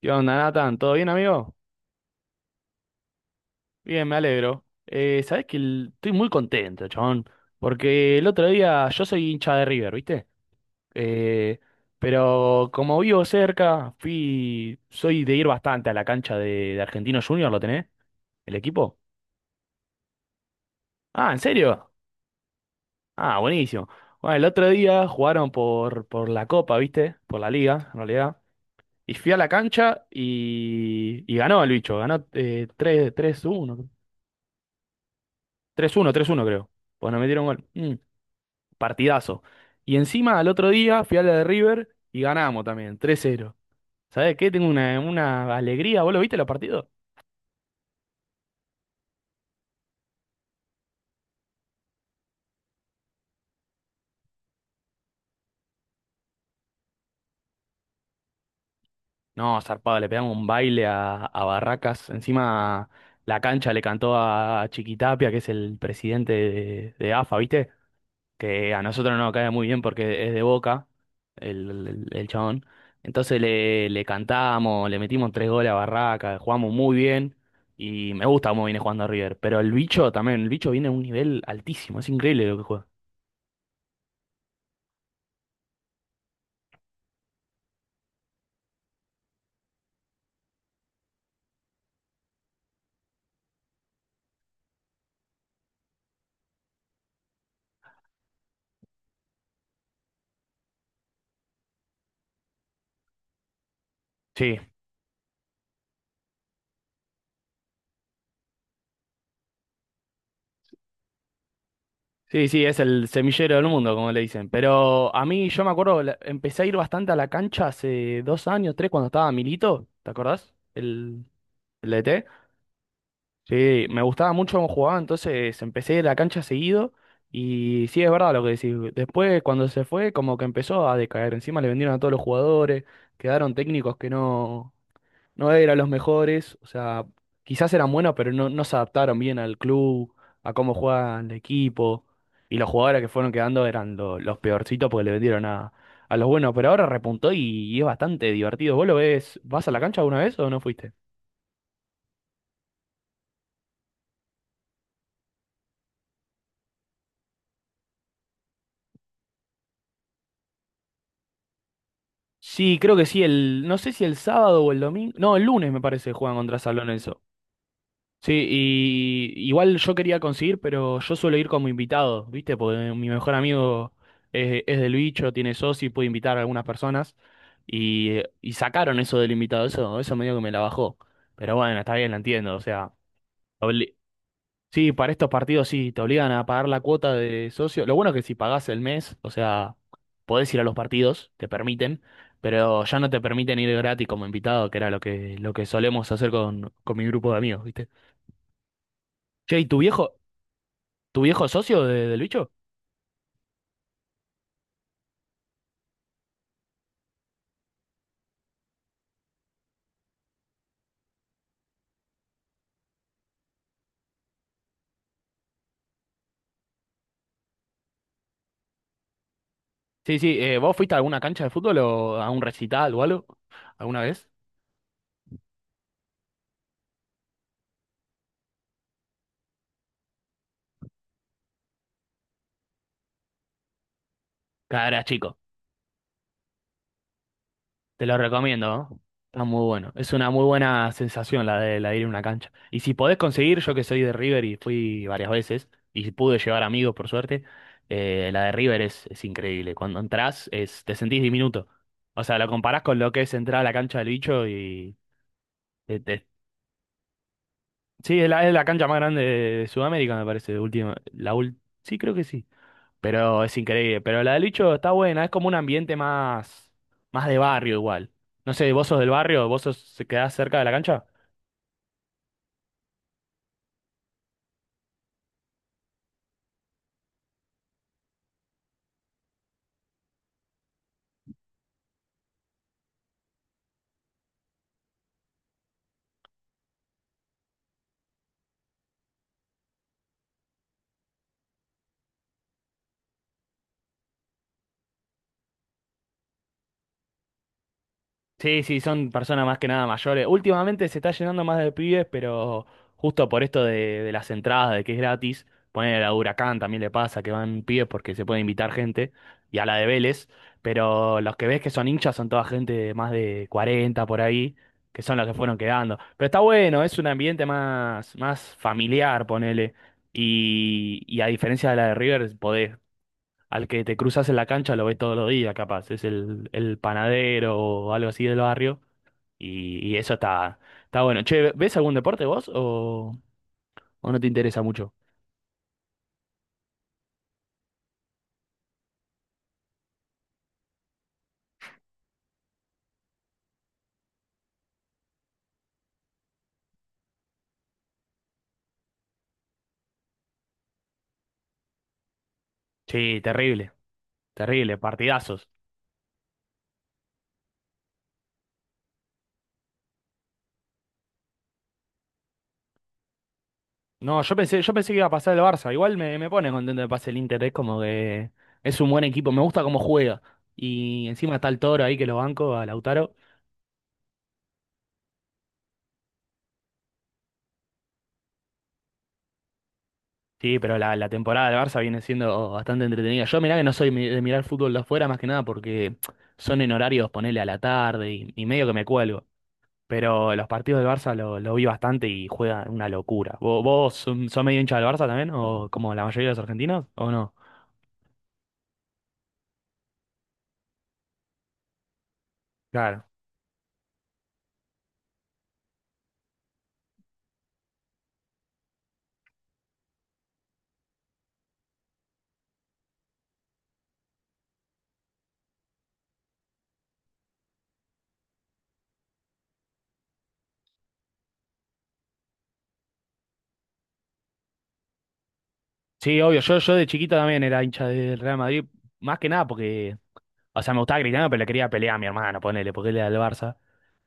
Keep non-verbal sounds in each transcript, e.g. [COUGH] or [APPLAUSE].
¿Qué onda, Nathan? ¿Todo bien, amigo? Bien, me alegro. Sabés que estoy muy contento, chabón. Porque el otro día, yo soy hincha de River, ¿viste? Eh, pero como vivo cerca, fui, soy de ir bastante a la cancha de Argentinos Juniors, ¿lo tenés? ¿El equipo? Ah, ¿en serio? Ah, buenísimo. Bueno, el otro día jugaron por la Copa, ¿viste? Por la Liga, en realidad. Y fui a la cancha y ganó el bicho, ganó tres uno. 3-1, 3-1 creo. Pues nos metieron gol. Partidazo. Y encima al otro día fui a la de River y ganamos también, 3-0. ¿Sabes qué? Tengo una alegría. ¿Vos lo viste los partidos? No, zarpado, le pegamos un baile a Barracas. Encima la cancha le cantó a Chiquitapia, que es el presidente de AFA, ¿viste?, que a nosotros nos cae muy bien porque es de Boca, el chabón. Entonces le cantamos, le metimos tres goles a Barraca, jugamos muy bien y me gusta cómo viene jugando River. Pero el bicho también, el bicho viene a un nivel altísimo, es increíble lo que juega. Sí, sí, sí, es el semillero del mundo, como le dicen. Pero a mí, yo me acuerdo, empecé a ir bastante a la cancha hace dos años, tres, cuando estaba Milito, ¿te acordás? El DT. Sí, me gustaba mucho cómo jugaba, entonces empecé la cancha seguido y sí, es verdad lo que decís. Después, cuando se fue, como que empezó a decaer, encima le vendieron a todos los jugadores, quedaron técnicos que no eran los mejores, o sea, quizás eran buenos, pero no se adaptaron bien al club, a cómo juegan el equipo, y los jugadores que fueron quedando eran los peorcitos porque le vendieron a los buenos, pero ahora repuntó y es bastante divertido. ¿Vos lo ves? ¿Vas a la cancha alguna vez o no fuiste? Sí, creo que sí, no sé si el sábado o el domingo, no, el lunes me parece, juegan contra San Lorenzo. Sí, y igual yo quería conseguir, pero yo suelo ir como invitado, ¿viste? Porque mi mejor amigo, es del bicho, tiene socio y puede invitar a algunas personas. Y y sacaron eso del invitado, eso medio que me la bajó. Pero bueno, está bien, la entiendo, o sea, obli- sí, para estos partidos sí, te obligan a pagar la cuota de socio. Lo bueno es que si pagás el mes, o sea, podés ir a los partidos, te permiten, pero ya no te permiten ir gratis como invitado, que era lo que solemos hacer con mi grupo de amigos, ¿viste? Che, ¿y tu viejo es socio del bicho? Sí, sí. ¿Vos fuiste a alguna cancha de fútbol o a un recital o algo? ¿Alguna vez? Cada era chico. Te lo recomiendo, ¿no? Está muy bueno. Es una muy buena sensación la de ir a una cancha. Y si podés conseguir, yo que soy de River y fui varias veces, y pude llevar amigos por suerte, la de River es increíble. Cuando entrás, es, te sentís diminuto. O sea, lo comparás con lo que es entrar a la cancha del bicho y... te- te- sí, es la cancha más grande de Sudamérica, me parece, última. Sí, creo que sí. Pero es increíble. Pero la de Lucho está buena, es como un ambiente más, más de barrio igual. No sé, ¿vos sos del barrio? ¿Vos sos, se quedás cerca de la cancha? Sí, sí, son personas más que nada mayores. Últimamente se está llenando más de pibes, pero justo por esto de las entradas, de que es gratis, poner a Huracán también le pasa que van pibes porque se puede invitar gente, y a la de Vélez, pero los que ves que son hinchas son toda gente de más de 40 por ahí, que son los que fueron quedando. Pero está bueno, es un ambiente más, más familiar, ponele. Y a diferencia de la de River, podés, al que te cruzas en la cancha, lo ves todos los días, capaz. Es el panadero o algo así del barrio. Y eso está, está bueno. Che, ¿ves algún deporte vos o no te interesa mucho? Sí, terrible, terrible, partidazos. No, yo pensé que iba a pasar el Barça. Igual me pone contento de pase el Inter, es como que es un buen equipo, me gusta cómo juega. Y encima está el Toro ahí que lo banco, a Lautaro. Sí, pero la temporada del Barça viene siendo bastante entretenida. Yo mirá que no soy de mirar fútbol de afuera más que nada porque son en horarios, ponele, a la tarde y medio que me cuelgo. Pero los partidos del Barça lo vi bastante y juega una locura. ¿Vos, sos medio hincha del Barça también? ¿O como la mayoría de los argentinos? ¿O no? Claro. Sí, obvio. Yo de chiquito también era hincha del Real Madrid. Más que nada porque, o sea, me gustaba Cristiano, pero le quería pelear a mi hermano, ponele, porque él era del Barça.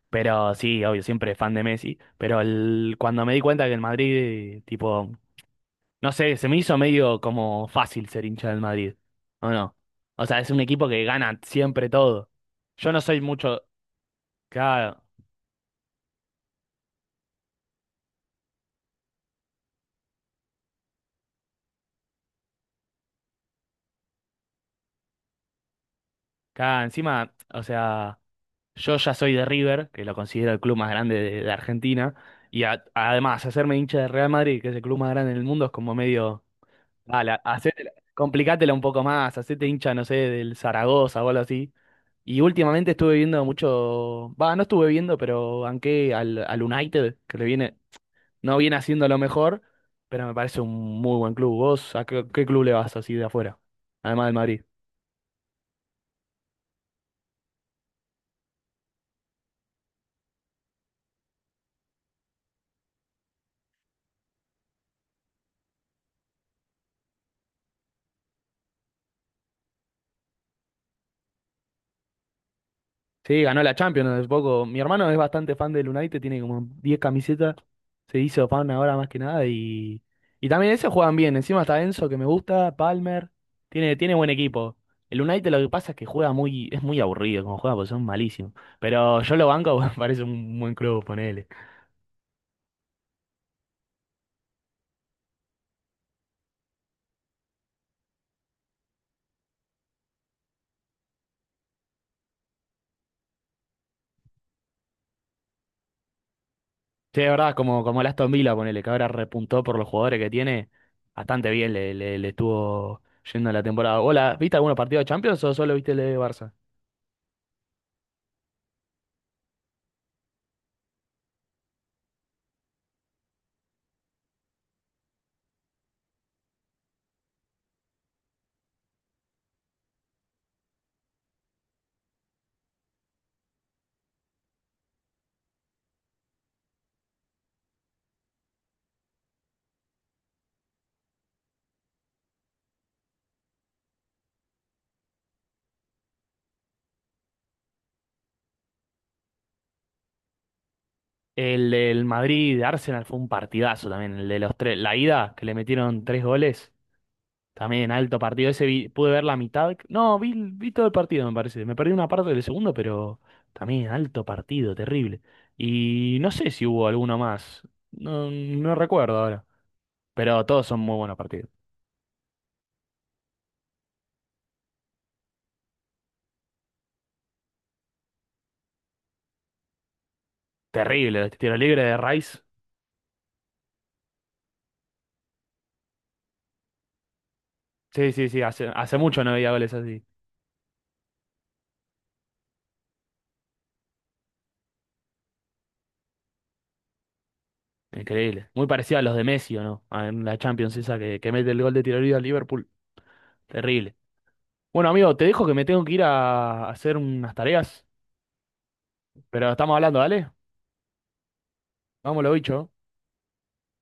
Pero sí, obvio, siempre fan de Messi. Pero cuando me di cuenta que el Madrid, tipo, no sé, se me hizo medio como fácil ser hincha del Madrid, ¿o no? O sea, es un equipo que gana siempre todo. Yo no soy mucho, cada, encima, o sea, yo ya soy de River, que lo considero el club más grande de Argentina, y además, hacerme hincha del Real Madrid, que es el club más grande del mundo, es como medio, dale, complicátela un poco más, hacete hincha, no sé, del Zaragoza o algo así. Y últimamente estuve viendo mucho, va, no estuve viendo, pero banqué al United, que le viene... No viene haciendo lo mejor, pero me parece un muy buen club. ¿Vos a qué, qué club le vas así de afuera? Además del Madrid. Sí, ganó la Champions hace poco. Mi hermano es bastante fan del United, tiene como 10 camisetas. Se hizo fan ahora más que nada y, y también ese juegan bien. Encima está Enzo, que me gusta, Palmer. Tiene buen equipo. El United lo que pasa es que juega muy, es muy aburrido como juega, porque son malísimos. Pero yo lo banco, [LAUGHS] me parece un buen club, él... Sí, de verdad, como, como el Aston Villa, ponele, que ahora repuntó por los jugadores que tiene, bastante bien le estuvo yendo la temporada. Hola, ¿viste algunos partidos de Champions o solo viste el de Barça? El del Madrid de Arsenal fue un partidazo también, el de los tres. La ida, que le metieron tres goles, también alto partido. Ese pude ver la mitad. No, vi todo el partido, me parece. Me perdí una parte del segundo, pero también alto partido, terrible. Y no sé si hubo alguno más. No, no recuerdo ahora. Pero todos son muy buenos partidos. Terrible, este tiro libre de Rice. Sí, sí, sí, hace, hace mucho no veía goles así. Increíble. Muy parecido a los de Messi, ¿o no? En la Champions esa que mete el gol de tiro libre a Liverpool. Terrible. Bueno, amigo, te dejo que me tengo que ir a hacer unas tareas, pero estamos hablando, ¿dale? Vámonos, bicho.